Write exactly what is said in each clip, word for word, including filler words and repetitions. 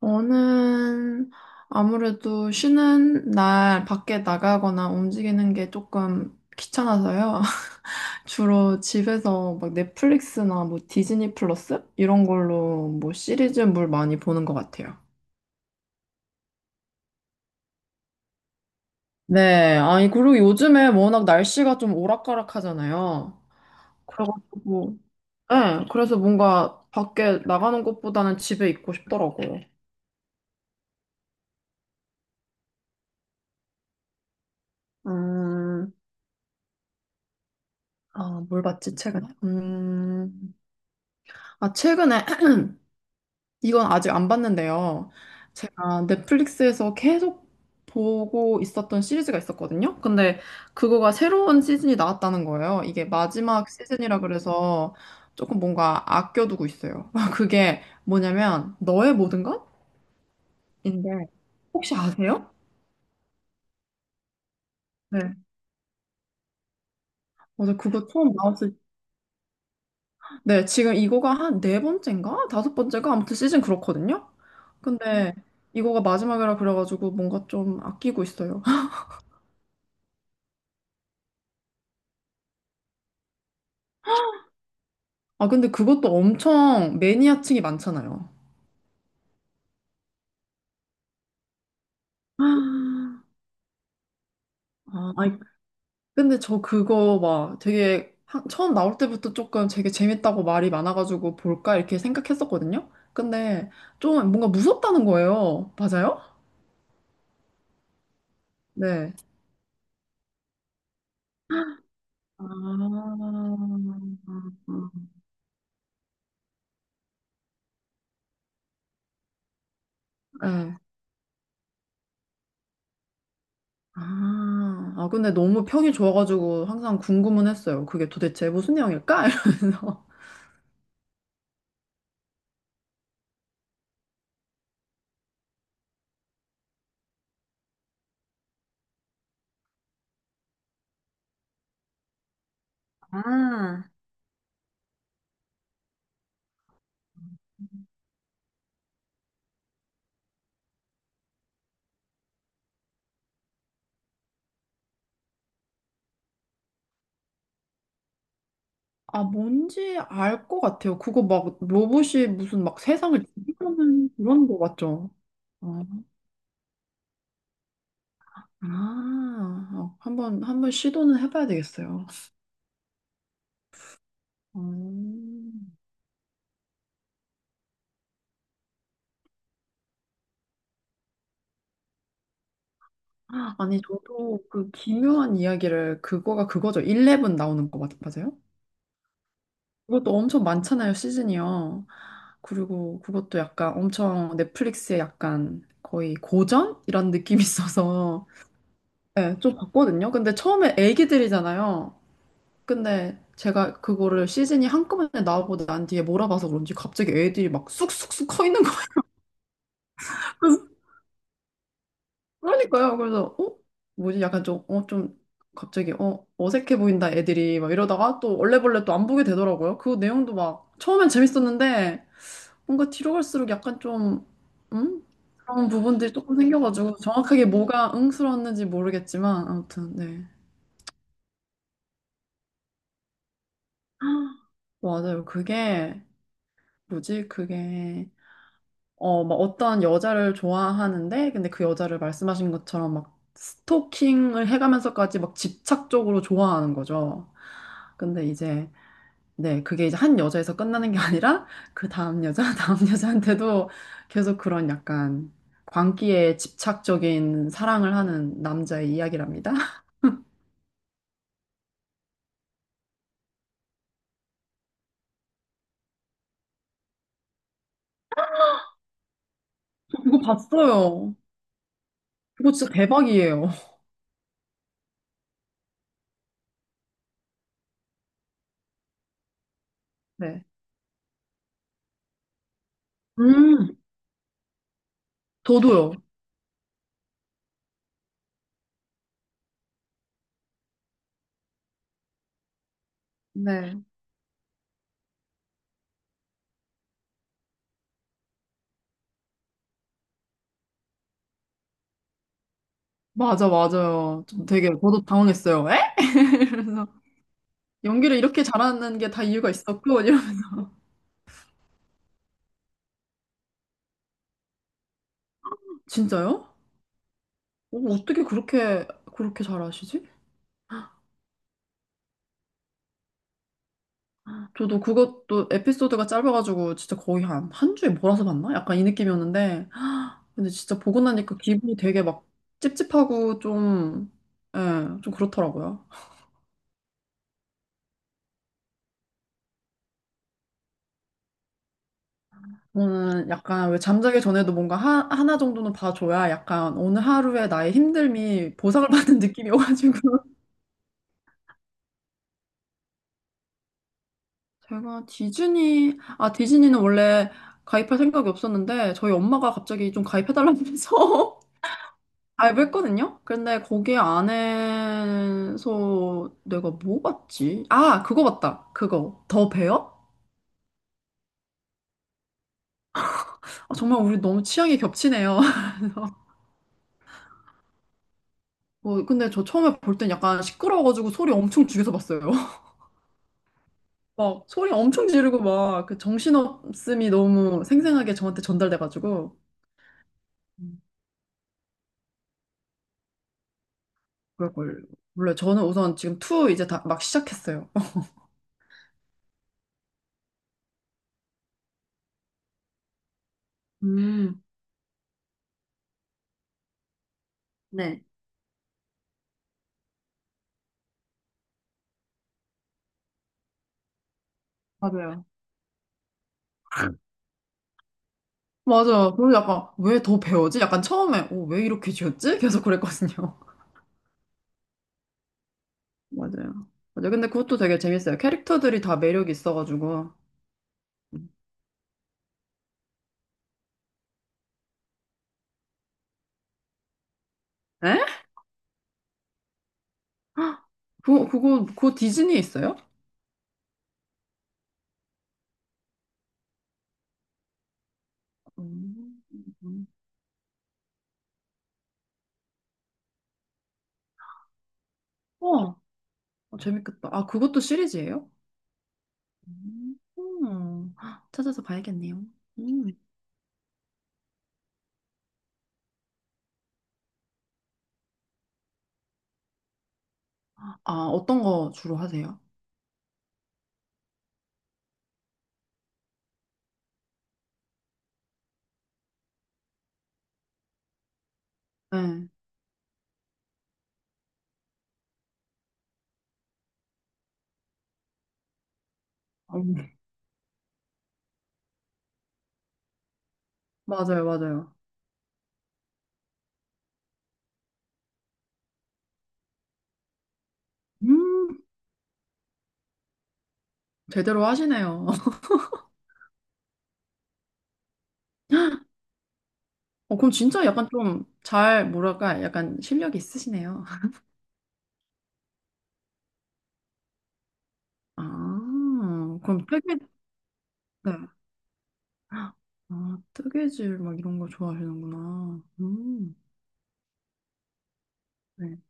저는 아무래도 쉬는 날 밖에 나가거나 움직이는 게 조금 귀찮아서요. 주로 집에서 막 넷플릭스나 뭐 디즈니 플러스 이런 걸로 뭐 시리즈물 많이 보는 것 같아요. 네. 아니, 그리고 요즘에 워낙 날씨가 좀 오락가락하잖아요. 그래가지고, 네. 그래서 뭔가 밖에 나가는 것보다는 집에 있고 싶더라고요. 음, 아, 뭘 봤지, 최근에? 음, 아, 최근에 이건 아직 안 봤는데요. 제가 넷플릭스에서 계속 보고 있었던 시리즈가 있었거든요. 근데 그거가 새로운 시즌이 나왔다는 거예요. 이게 마지막 시즌이라 그래서 조금 뭔가 아껴두고 있어요. 그게 뭐냐면 너의 모든 것인데 혹시 아세요? 네. 맞아, 그거 처음 나왔을 때. 네, 지금 이거가 한 네 번째인가? 다섯 번째가 아무튼 시즌 그렇거든요. 근데 이거가 마지막이라 그래가지고 뭔가 좀 아끼고 있어요. 아, 근데 그것도 엄청 매니아층이 많잖아요. 아, 아이, 근데 저 그거 막 되게 하- 처음 나올 때부터 조금 되게 재밌다고 말이 많아가지고 볼까 이렇게 생각했었거든요. 근데 좀 뭔가 무섭다는 거예요. 맞아요? 네. 아, 아, 네. 아, 아, 근데 너무 평이 좋아가지고 항상 궁금은 했어요. 그게 도대체 무슨 내용일까? 이러면서. 아, 뭔지 알 것 같아요. 그거 막 로봇이 무슨 막 세상을 지배하는 그런 거 같죠? 어. 아, 어, 한번 한번 시도는 해봐야 되겠어요. 음. 아니, 저도 그 기묘한 이야기를 그거가 그거죠. 십일 나오는 거 맞, 맞아요? 그것도 엄청 많잖아요, 시즌이요. 그리고 그것도 약간 엄청 넷플릭스에 약간 거의 고전? 이런 느낌이 있어서 네, 좀 봤거든요. 근데 처음에 애기들이잖아요. 근데 제가 그거를 시즌이 한꺼번에 나오고 난 뒤에 몰아봐서 그런지 갑자기 애들이 막 쑥쑥쑥 커 있는 거예요. 그서 그러니까요. 그래서 어? 뭐지? 약간 좀, 어, 좀 갑자기 어, 어색해 보인다 애들이 막 이러다가 또 얼레벌레 또 안 보게 되더라고요. 그 내용도 막 처음엔 재밌었는데 뭔가 뒤로 갈수록 약간 좀 음? 그런 부분들이 조금 생겨가지고 정확하게 뭐가 응스러웠는지 모르겠지만 아무튼 네. 맞아요. 그게 뭐지? 그게 어, 막 어떤 여자를 좋아하는데, 근데 그 여자를 말씀하신 것처럼 막 스토킹을 해가면서까지 막 집착적으로 좋아하는 거죠. 근데 이제, 네, 그게 이제 한 여자에서 끝나는 게 아니라, 그 다음 여자, 다음 여자한테도 계속 그런 약간 광기에 집착적인 사랑을 하는 남자의 이야기랍니다. 이거 봤어요. 이거 진짜 대박이에요. 네. 음, 저도요. 네. 맞아, 맞아요. 좀 되게, 저도 당황했어요. 에? 그래서 연기를 이렇게 잘하는 게 다 이유가 있었고 이런 진짜요? 오, 어떻게 그렇게 그렇게 잘하시지? 저도 그것도 에피소드가 짧아가지고 진짜 거의 한 한 주에 몰아서 봤나? 약간 이 느낌이었는데 근데 진짜 보고 나니까 기분이 되게 막 찝찝하고 좀 예, 좀 그렇더라고요. 저는 약간 왜 잠자기 전에도 뭔가 하, 하나 정도는 봐줘야 약간 오늘 하루에 나의 힘듦이 보상을 받는 느낌이 오가지고 제가 디즈니, 아, 디즈니는 원래 가입할 생각이 없었는데, 저희 엄마가 갑자기 좀 가입해달라고 해서 가입했거든요? 근데 거기 안에서 내가 뭐 봤지? 아, 그거 봤다. 그거. 더 베어? 아, 정말 우리 너무 취향이 겹치네요. 뭐, 근데 저 처음에 볼 땐 약간 시끄러워가지고 소리 엄청 죽여서 봤어요. 막 소리 엄청 지르고 막 그 정신없음이 너무 생생하게 저한테 전달돼가지고. 음, 그걸, 몰라 저는 우선 지금 투 이제 다 막 시작했어요. 음. 네. 맞아요. 그리고 약간 왜 더 배워지? 약간 처음에 어, 왜 이렇게 지었지? 계속 그랬거든요. 맞아요. 맞아요. 근데 그것도 되게 재밌어요. 캐릭터들이 다 매력이 있어가지고. 에? 그거 그거 그거 디즈니 있어요? 음. 음. 어, 어, 재밌겠다. 아, 그것도 시리즈예요? 음. 음. 찾아서 봐야겠네요. 음. 아, 어떤 거 주로 하세요? 네. 음. 맞아요, 맞아요. 음, 제대로 하시네요. 어, 그럼 진짜 약간 좀 잘, 뭐랄까, 약간 실력이 있으시네요. 아, 그럼 뜨개, 네. 아, 뜨개질 막 이런 거 좋아하시는구나. 음, 네.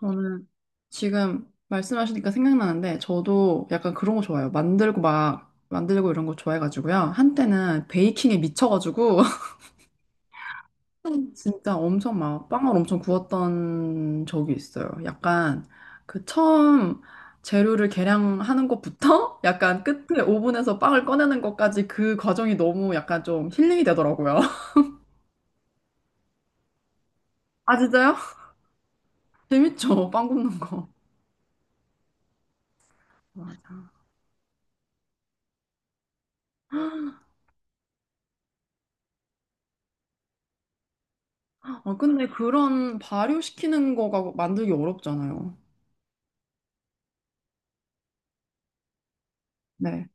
저는 지금 말씀하시니까 생각나는데, 저도 약간 그런 거 좋아해요. 만들고 막, 만들고 이런 거 좋아해가지고요. 한때는 베이킹에 미쳐가지고, 진짜 엄청 막 빵을 엄청 구웠던 적이 있어요. 약간 그 처음 재료를 계량하는 것부터 약간 끝에 오븐에서 빵을 꺼내는 것까지 그 과정이 너무 약간 좀 힐링이 되더라고요. 아, 진짜요? 재밌죠? 빵 굽는 거. 맞아. 어, 근데 그런 발효시키는 거가 만들기 어렵잖아요. 네.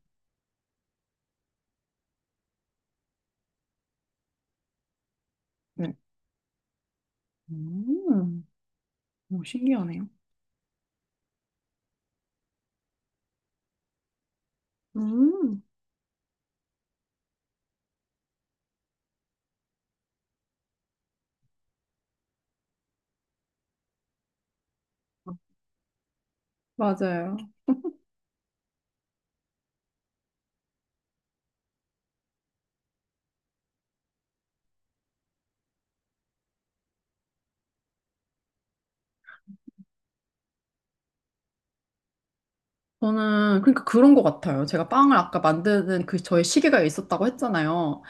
네. 음, 오, 신기하네요. 음, 맞아요. 저는 그러니까 그런 것 같아요. 제가 빵을 아까 만드는 그 저의 시계가 있었다고 했잖아요.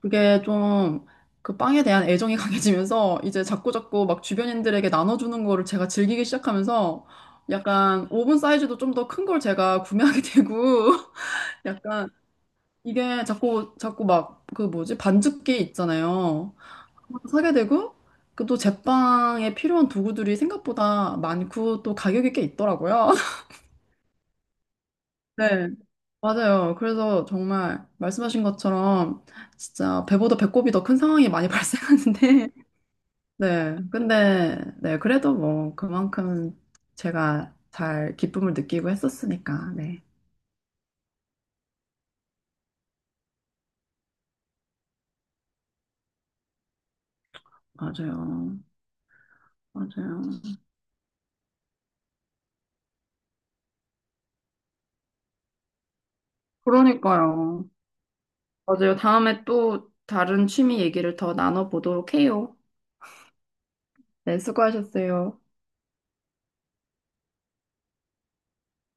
그게 좀 그 빵에 대한 애정이 강해지면서 이제 자꾸자꾸 막 주변인들에게 나눠주는 거를 제가 즐기기 시작하면서 약간 오븐 사이즈도 좀 더 큰 걸 제가 구매하게 되고 약간 이게 자꾸 자꾸 막 그 뭐지 반죽기 있잖아요. 그거 사게 되고 그 또 제빵에 필요한 도구들이 생각보다 많고 또 가격이 꽤 있더라고요. 네. 맞아요. 그래서 정말 말씀하신 것처럼 진짜 배보다 배꼽이 더 큰 상황이 많이 발생하는데, 네. 근데, 네. 그래도 뭐 그만큼 제가 잘 기쁨을 느끼고 했었으니까, 네. 맞아요. 맞아요. 그러니까요. 맞아요. 다음에 또 다른 취미 얘기를 더 나눠보도록 해요. 네. 수고하셨어요.